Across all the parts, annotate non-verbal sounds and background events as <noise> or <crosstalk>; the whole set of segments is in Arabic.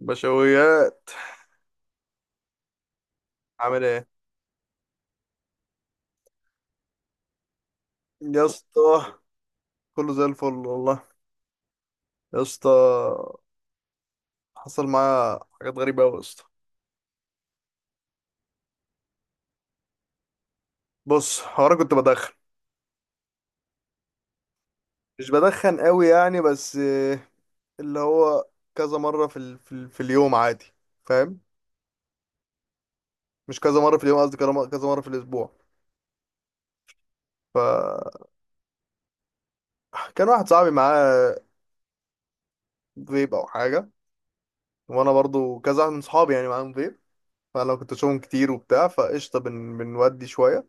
بشويات، عامل ايه يا اسطى؟ كله زي الفل والله يا اسطى. حصل معايا حاجات غريبه قوي يا اسطى. بص، هو انا كنت بدخن. مش بدخن قوي يعني بس، اللي هو كذا مره في في اليوم عادي، فاهم؟ مش كذا مره في اليوم، قصدي كذا كذا مره في الاسبوع. فكان واحد صاحبي معاه فيب او حاجه، وانا برضو كذا واحد من صحابي يعني معاهم فيب. فانا كنت اشوفهم كتير وبتاع فقشطه بنودي شويه،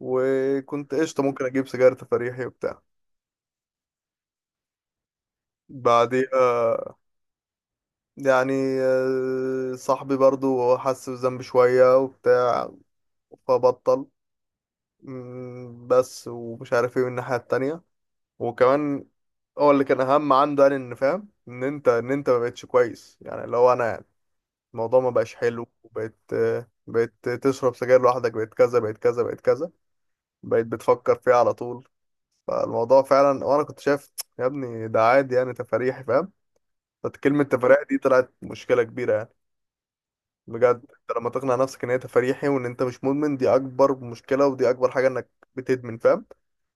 وكنت قشطه ممكن اجيب سيجاره تفريحي وبتاع بعديها يعني. صاحبي برضو هو حس بذنب شوية وبتاع فبطل. بس ومش عارف ايه من الناحية التانية. وكمان هو اللي كان أهم عنده يعني إن فاهم إن أنت ما بقتش كويس، يعني اللي هو أنا يعني الموضوع ما بقاش حلو، وبقيت بقيت تشرب سجاير لوحدك، بقيت كذا بقيت كذا بقيت كذا، بقيت بتفكر فيه على طول. فالموضوع فعلا، وأنا كنت شايف يا ابني ده عادي يعني تفاريحي، فاهم؟ فكلمة تفاريحي دي طلعت مشكلة كبيرة يعني. بجد انت لما تقنع نفسك ان هي تفريحي وان انت مش مدمن، دي اكبر مشكله، ودي اكبر حاجه انك بتدمن، فاهم؟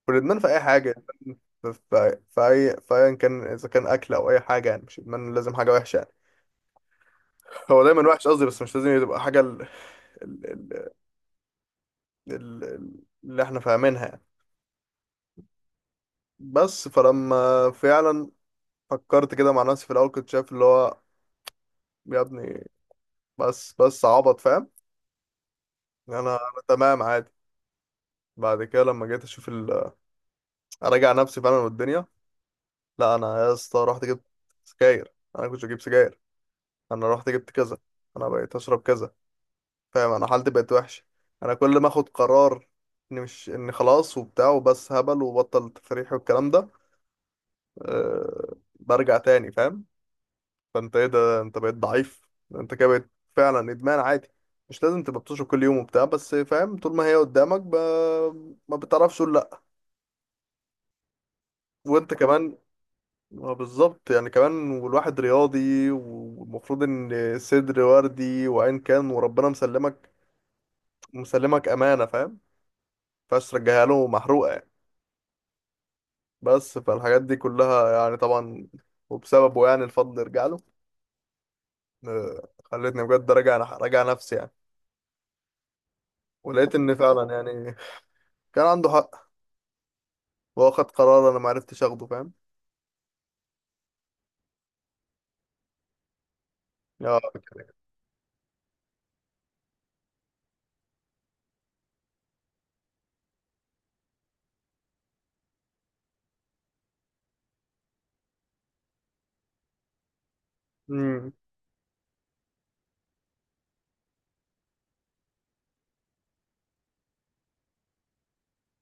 والادمان في اي حاجه ادمان. في اي، في ايا كان، اذا كان اكل او اي حاجه، يعني مش ادمان لازم حاجه وحشه يعني. <laughs> هو دايما وحش قصدي، بس مش لازم تبقى حاجه ال... ال... اللي احنا فاهمينها يعني. بس فلما فعلا فكرت كده مع نفسي، في الاول كنت شايف اللي هو يا ابني، بس عبط، فاهم؟ انا تمام عادي. بعد كده لما جيت اشوف اراجع نفسي فعلا، والدنيا، لا انا يا اسطى رحت جبت سجاير. انا كنت بجيب سجاير، انا رحت جبت كذا، انا بقيت اشرب كذا، فاهم انا حالتي بقت وحشه. انا كل ما اخد قرار اني مش اني خلاص وبتاع وبس، هبل وبطل تفريح والكلام ده، برجع تاني، فاهم؟ فانت ايه ده، انت بقيت ضعيف، انت كده بقيت فعلا ادمان عادي. مش لازم تبقى بتشرب كل يوم وبتاع بس، فاهم طول ما هي قدامك ما بتعرفش تقول لا. وانت كمان ما بالظبط يعني كمان، والواحد رياضي والمفروض ان صدر وردي وعين كان، وربنا مسلمك، مسلمك امانه، فاهم؟ مينفعش ترجعها له محروقه يعني. بس فالحاجات دي كلها يعني طبعا، وبسببه يعني الفضل يرجع له. خلتني بجد راجع نفسي يعني، ولقيت ان فعلا يعني كان عنده حق. واخد قرار انا ما عرفتش اخده، فاهم؟ آه، امم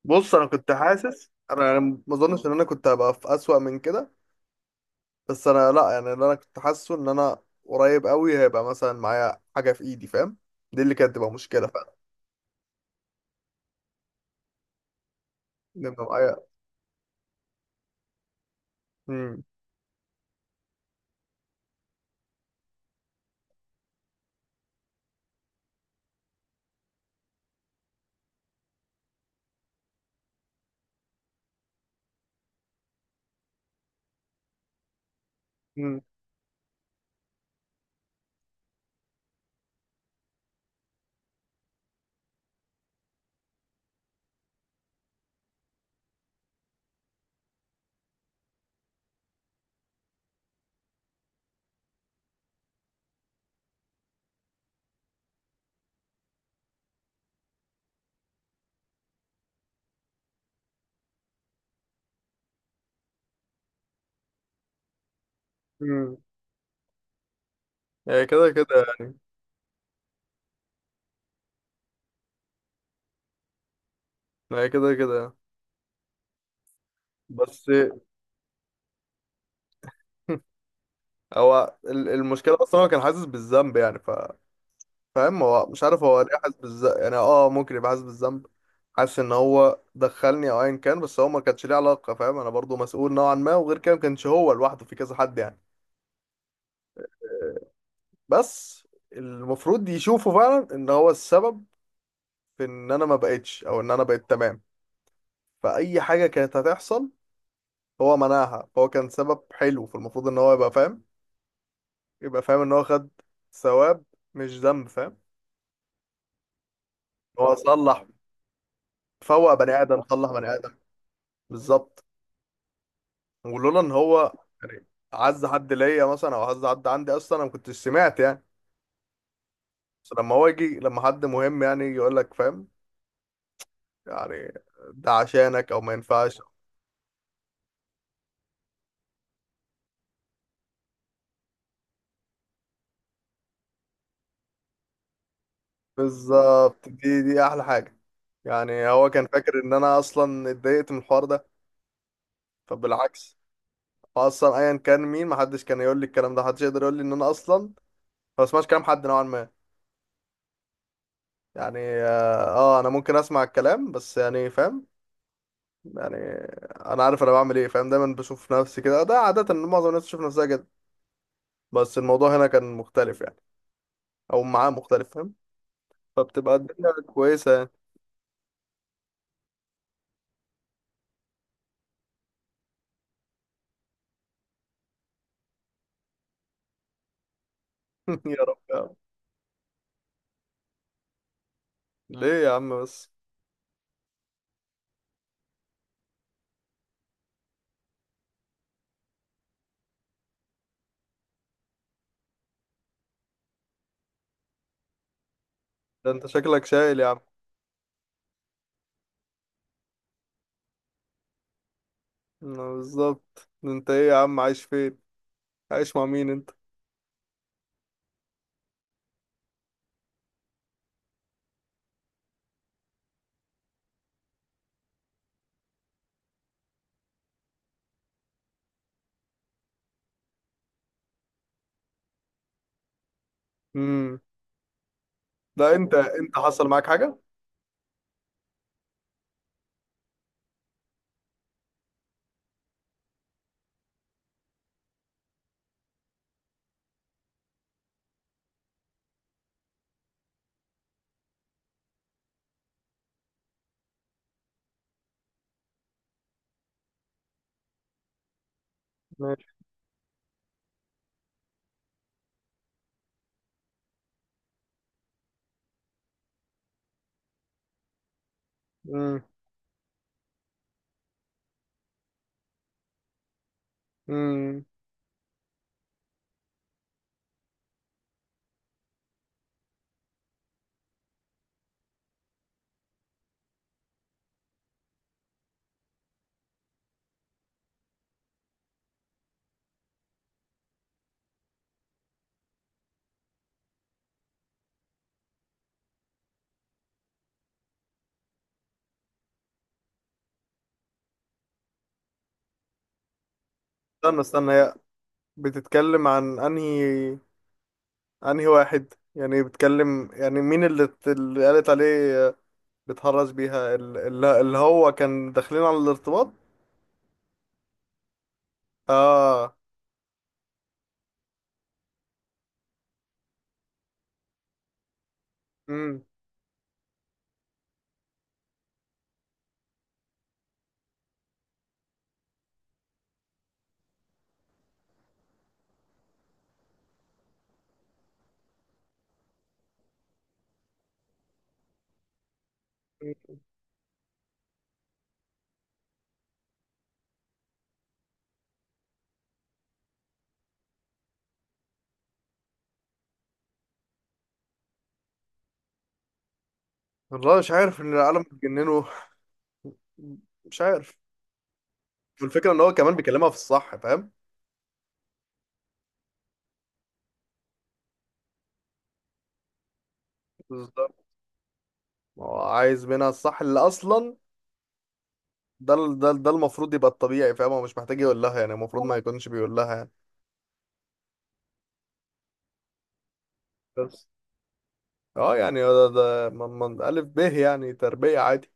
بص، انا كنت حاسس انا ما اظنش ان انا كنت هبقى في اسوأ من كده. بس انا لا يعني، اللي انا كنت حاسه ان انا قريب قوي هيبقى مثلا معايا حاجه في ايدي، فاهم؟ دي اللي كانت تبقى مشكله فعلا، إن يبقى معايا. امم امم امم هي كده كده يعني. هي كده كده يعني. بس <laughs> هو المشكله اصلا هو كان حاسس بالذنب يعني، فاهم، هو مش عارف هو ليه حاسس بالذنب يعني. اه ممكن يبقى حاسس بالذنب، حاسس ان هو دخلني او ايا كان، بس هو ما كانش ليه علاقه، فاهم؟ انا برضو مسؤول نوعا ما، وغير كده ما كانش هو لوحده، في كذا حد يعني. بس المفروض يشوفوا فعلا ان هو السبب في ان انا ما بقتش، او ان انا بقيت تمام. فاي حاجه كانت هتحصل هو منعها، فهو كان سبب حلو. فالمفروض ان هو يبقى فاهم ان هو خد ثواب مش ذنب، فاهم؟ هو صلح فوق بني ادم، صلح بني ادم، بالظبط. ولولا ان هو يعني عز حد ليا مثلا، او عز حد عندي اصلا، انا ما كنتش سمعت يعني. بس لما هو يجي، لما حد مهم يعني يجي يقول لك، فاهم؟ يعني ده عشانك، او ما ينفعش. بالظبط، دي احلى حاجه. يعني هو كان فاكر ان انا اصلا اتضايقت من الحوار ده، فبالعكس. هو اصلا ايا كان مين، محدش كان يقول لي الكلام ده، محدش يقدر يقول لي ان انا اصلا ما بسمعش كلام حد نوعا ما يعني. اه، انا ممكن اسمع الكلام بس يعني، فاهم؟ يعني انا عارف انا بعمل ايه، فاهم؟ دايما بشوف نفسي كده، ده عاده معظم الناس تشوف نفسها كده. بس الموضوع هنا كان مختلف يعني، او معاه مختلف، فاهم؟ فبتبقى الدنيا كويسه يعني. <laughs> يا رب يا عم. ليه يا عم بس؟ ده انت شكلك شايل يا عم. ما بالظبط، انت ايه يا عم، عايش فين؟ عايش مع مين انت؟ امم. لا، انت حصل معاك حاجه؟ ماشي. امم. امم. استنى استنى، هي بتتكلم عن انهي واحد يعني، بتتكلم يعني مين اللي قالت عليه، بتهرج بيها اللي هو كان داخلين على الارتباط. اه. امم. والله مش عارف ان العالم بتجننه، مش عارف. والفكره ان هو كمان بيكلمها في الصح، فاهم؟ بالظبط. هو عايز منها الصح اللي اصلا ده المفروض يبقى الطبيعي، فاهم؟ هو مش محتاج يقول لها يعني، المفروض ما يكونش بيقول لها يعني. بس اه يعني ده من ألف ب يعني تربية عادي.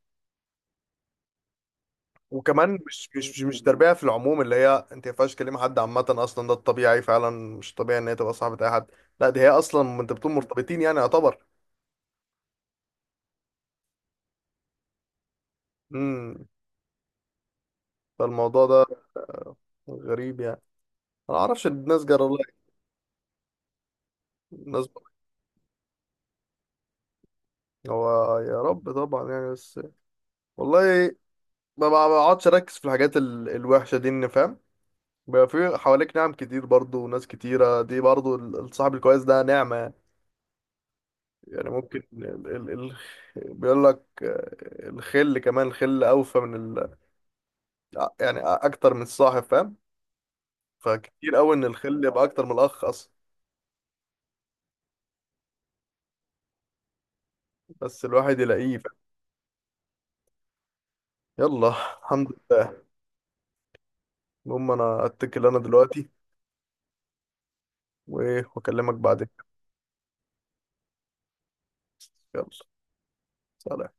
وكمان مش تربية في العموم، اللي هي انت ما ينفعش كلمة حد عامة، اصلا ده الطبيعي فعلا. مش طبيعي ان هي تبقى صاحبة اي حد. لا، دي هي اصلا انت بتكون مرتبطين يعني يعتبر. امم. فالموضوع ده غريب يعني. انا ما اعرفش الناس جرى لها إيه! الناس! هو يا رب طبعا يعني، بس والله ما بقعدش اركز في الحاجات الوحشة دي، ان فاهم بيبقى في حواليك نعم كتير برضو وناس كتيرة دي، برضو الصاحب الكويس ده نعمة يعني. يعني ممكن ال ال ال بيقول لك الخل، كمان الخل أوفى من يعني أكتر من الصاحب، فاهم؟ فكتير أوي إن الخل يبقى أكتر من الأخ أصلا، بس الواحد يلاقيه، فاهم؟ يلا، الحمد لله. المهم، أنا أتكل، أنا دلوقتي وأكلمك بعدين. يلا. سلام.